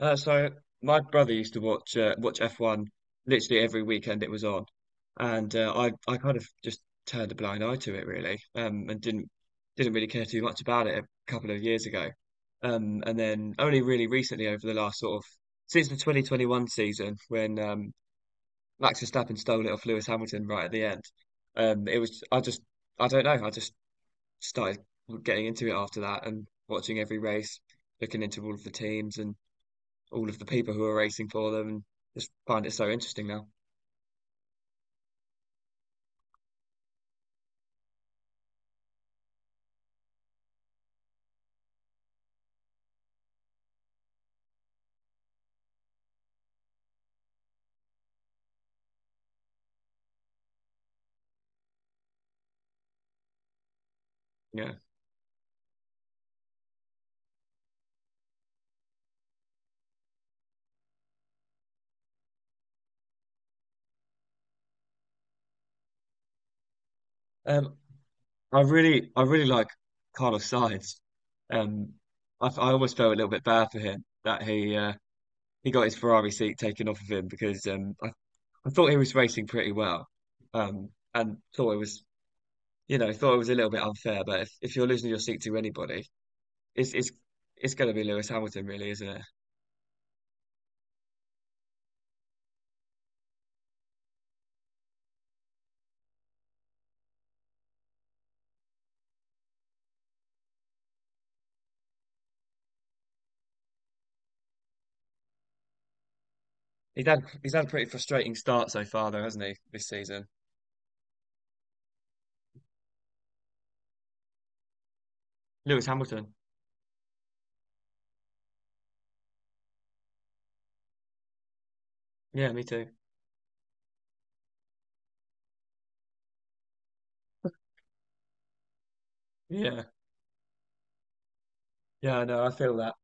So my brother used to watch watch F1 literally every weekend it was on, and I kind of just turned a blind eye to it really, and didn't really care too much about it a couple of years ago, and then only really recently over the last sort of since the 2021 season when Max Verstappen stole it off Lewis Hamilton right at the end. Um, it was I just I don't know I just started getting into it after that and watching every race, looking into all of the teams and all of the people who are racing for them, and just find it so interesting now. Yeah. Um, I really like Carlos Sainz. Um, I almost felt a little bit bad for him that he got his Ferrari seat taken off of him, because I thought he was racing pretty well, and thought it was, thought it was a little bit unfair. But if you're losing your seat to anybody, it's it's it's going to be Lewis Hamilton, really, isn't it? He's had a pretty frustrating start so far, though, hasn't he, this season? Lewis Hamilton. Yeah, me too. Yeah. Yeah, no, I feel that.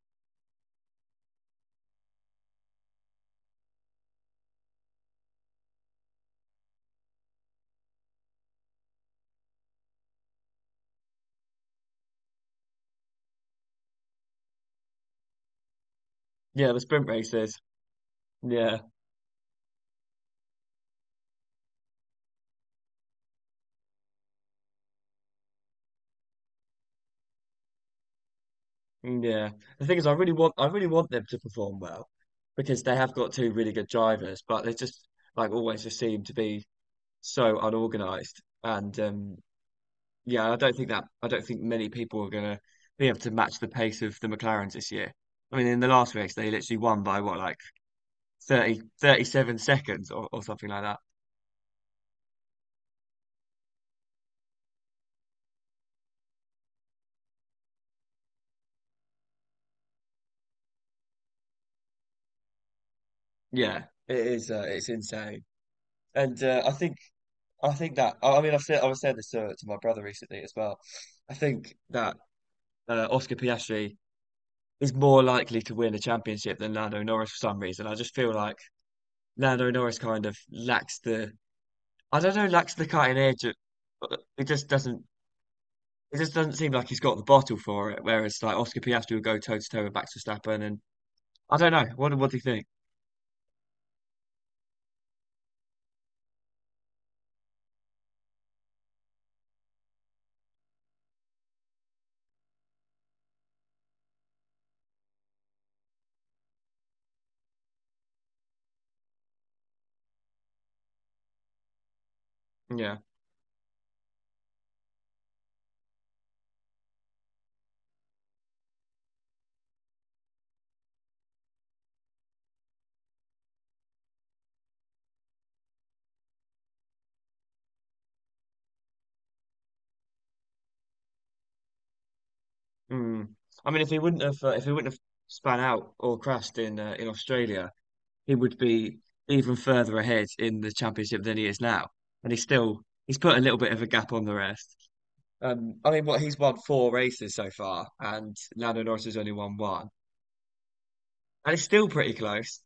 Yeah, the sprint races. Yeah, mm, yeah. The thing is, I really want them to perform well, because they have got two really good drivers, but they just like always just seem to be so unorganized. And yeah, I don't think many people are gonna be able to match the pace of the McLarens this year. I mean, in the last race, they literally won by what, like 30 37 seconds, or something like that. Yeah, it is, it's insane. And I think. I think that I mean I've said I was saying this to my brother recently as well. I think that Oscar Piastri is more likely to win a championship than Lando Norris for some reason. I just feel like Lando Norris kind of lacks the, I don't know lacks the cutting edge. It just doesn't it just doesn't seem like he's got the bottle for it. Whereas like Oscar Piastri will go toe to toe with Max Verstappen. And I don't know what do you think? Yeah, mm. I mean if he wouldn't have spun out or crashed in Australia, he would be even further ahead in the championship than he is now. And he's put a little bit of a gap on the rest. I mean, what, he's won four races so far, and Lando Norris has only won one, and it's still pretty close.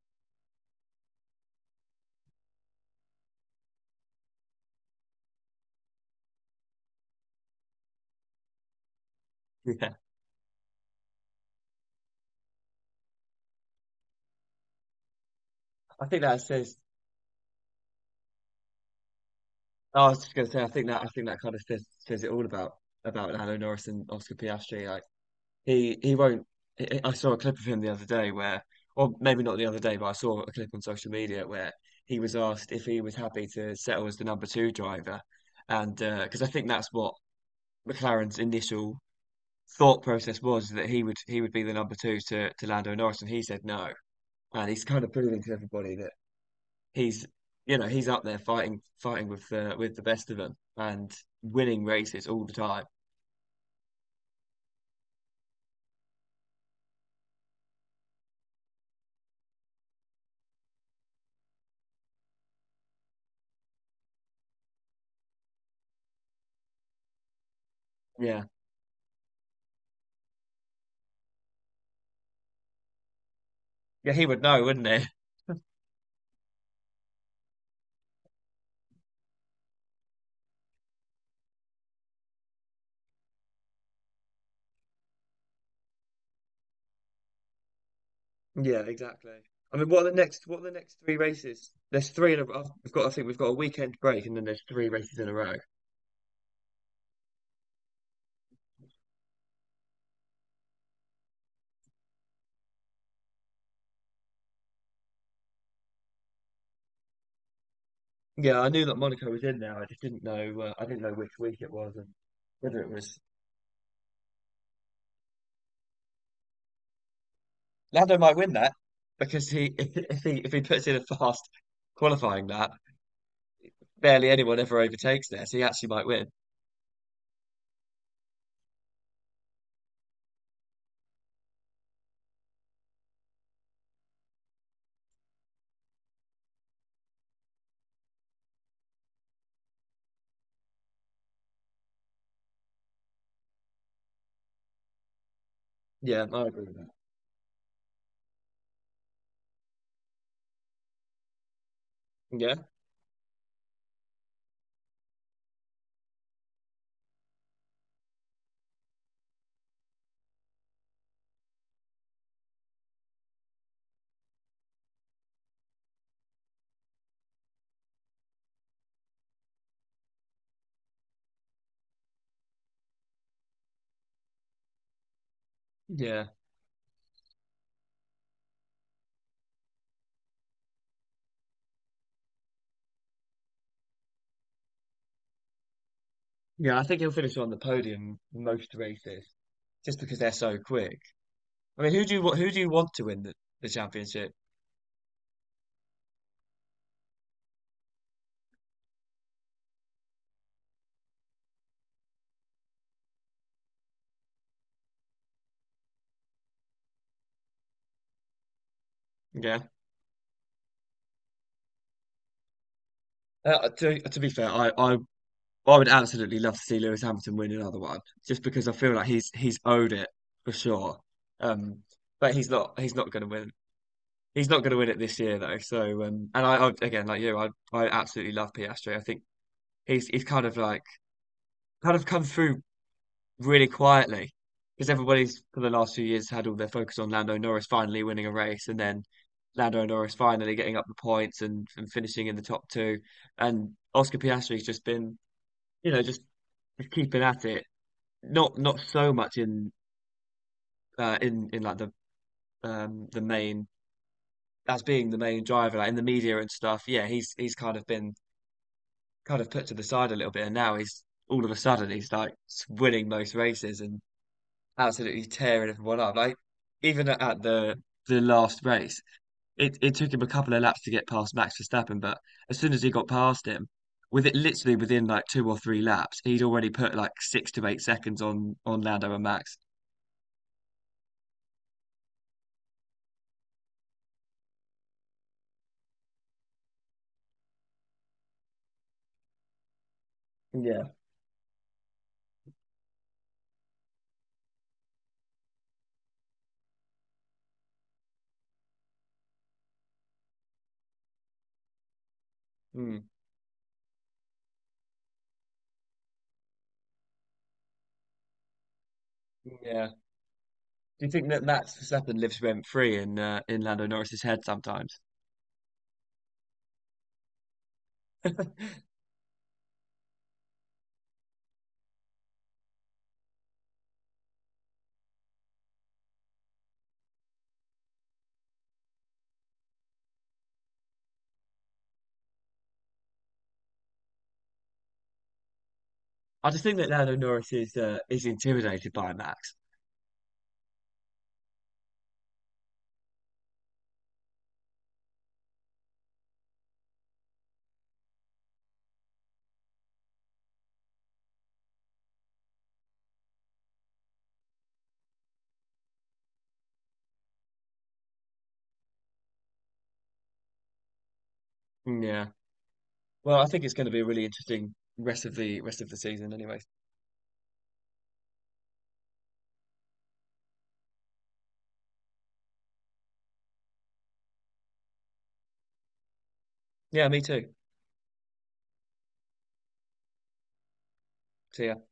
Yeah, I think that says. I was just going to say, I think that kind of says it all about Lando Norris and Oscar Piastri. Like, he won't. I saw a clip of him the other day where, or maybe not the other day, but I saw a clip on social media where he was asked if he was happy to settle as the number two driver. And because I think that's what McLaren's initial thought process was, that he would be the number two to Lando Norris, and he said no. And he's kind of proving to everybody that he's, he's up there fighting with the, with the best of them, and winning races all the time. Yeah, yeah, he would know, wouldn't he? Yeah, exactly. I mean, what are the next? What are the next three races? There's three in a. have I've- We've got. I think we've got a weekend break, and then there's three races in a row. Yeah, I knew that Monaco was in there. I just didn't know. I didn't know which week it was, whether it was. Lando might win that, because he, if he puts in a fast qualifying lap, barely anyone ever overtakes there, so he actually might win. Yeah, I agree with that. Yeah, yeah. Yeah, I think he'll finish on the podium in most races just because they're so quick. I mean, who do you want to win the championship? Yeah. To be fair, I, I would absolutely love to see Lewis Hamilton win another one, just because I feel like he's owed it for sure. Um, but he's not going to win. He's not going to win it this year though. So and I again, like you, I absolutely love Piastri. I think he's kind of come through really quietly, because everybody's for the last few years had all their focus on Lando Norris finally winning a race, and then Lando Norris finally getting up the points, and finishing in the top two. And Oscar Piastri's just been, you know, just keeping at it. Not so much in in like the, the main, as being the main driver, like in the media and stuff. Yeah, he's kind of been kind of put to the side a little bit, and now he's, all of a sudden he's like, winning most races and absolutely tearing everyone up. Like, even at the last race, it took him a couple of laps to get past Max Verstappen, but as soon as he got past him, with it literally within like two or three laps, he'd already put like 6 to 8 seconds on Lando and Max. Yeah. Mm. Yeah. Do you think that Max Verstappen lives rent free in Lando Norris's head sometimes? I just think that Lando Norris is intimidated by Max. Yeah. Well, I think it's going to be a really interesting rest of the season, anyways. Yeah, me too. See ya.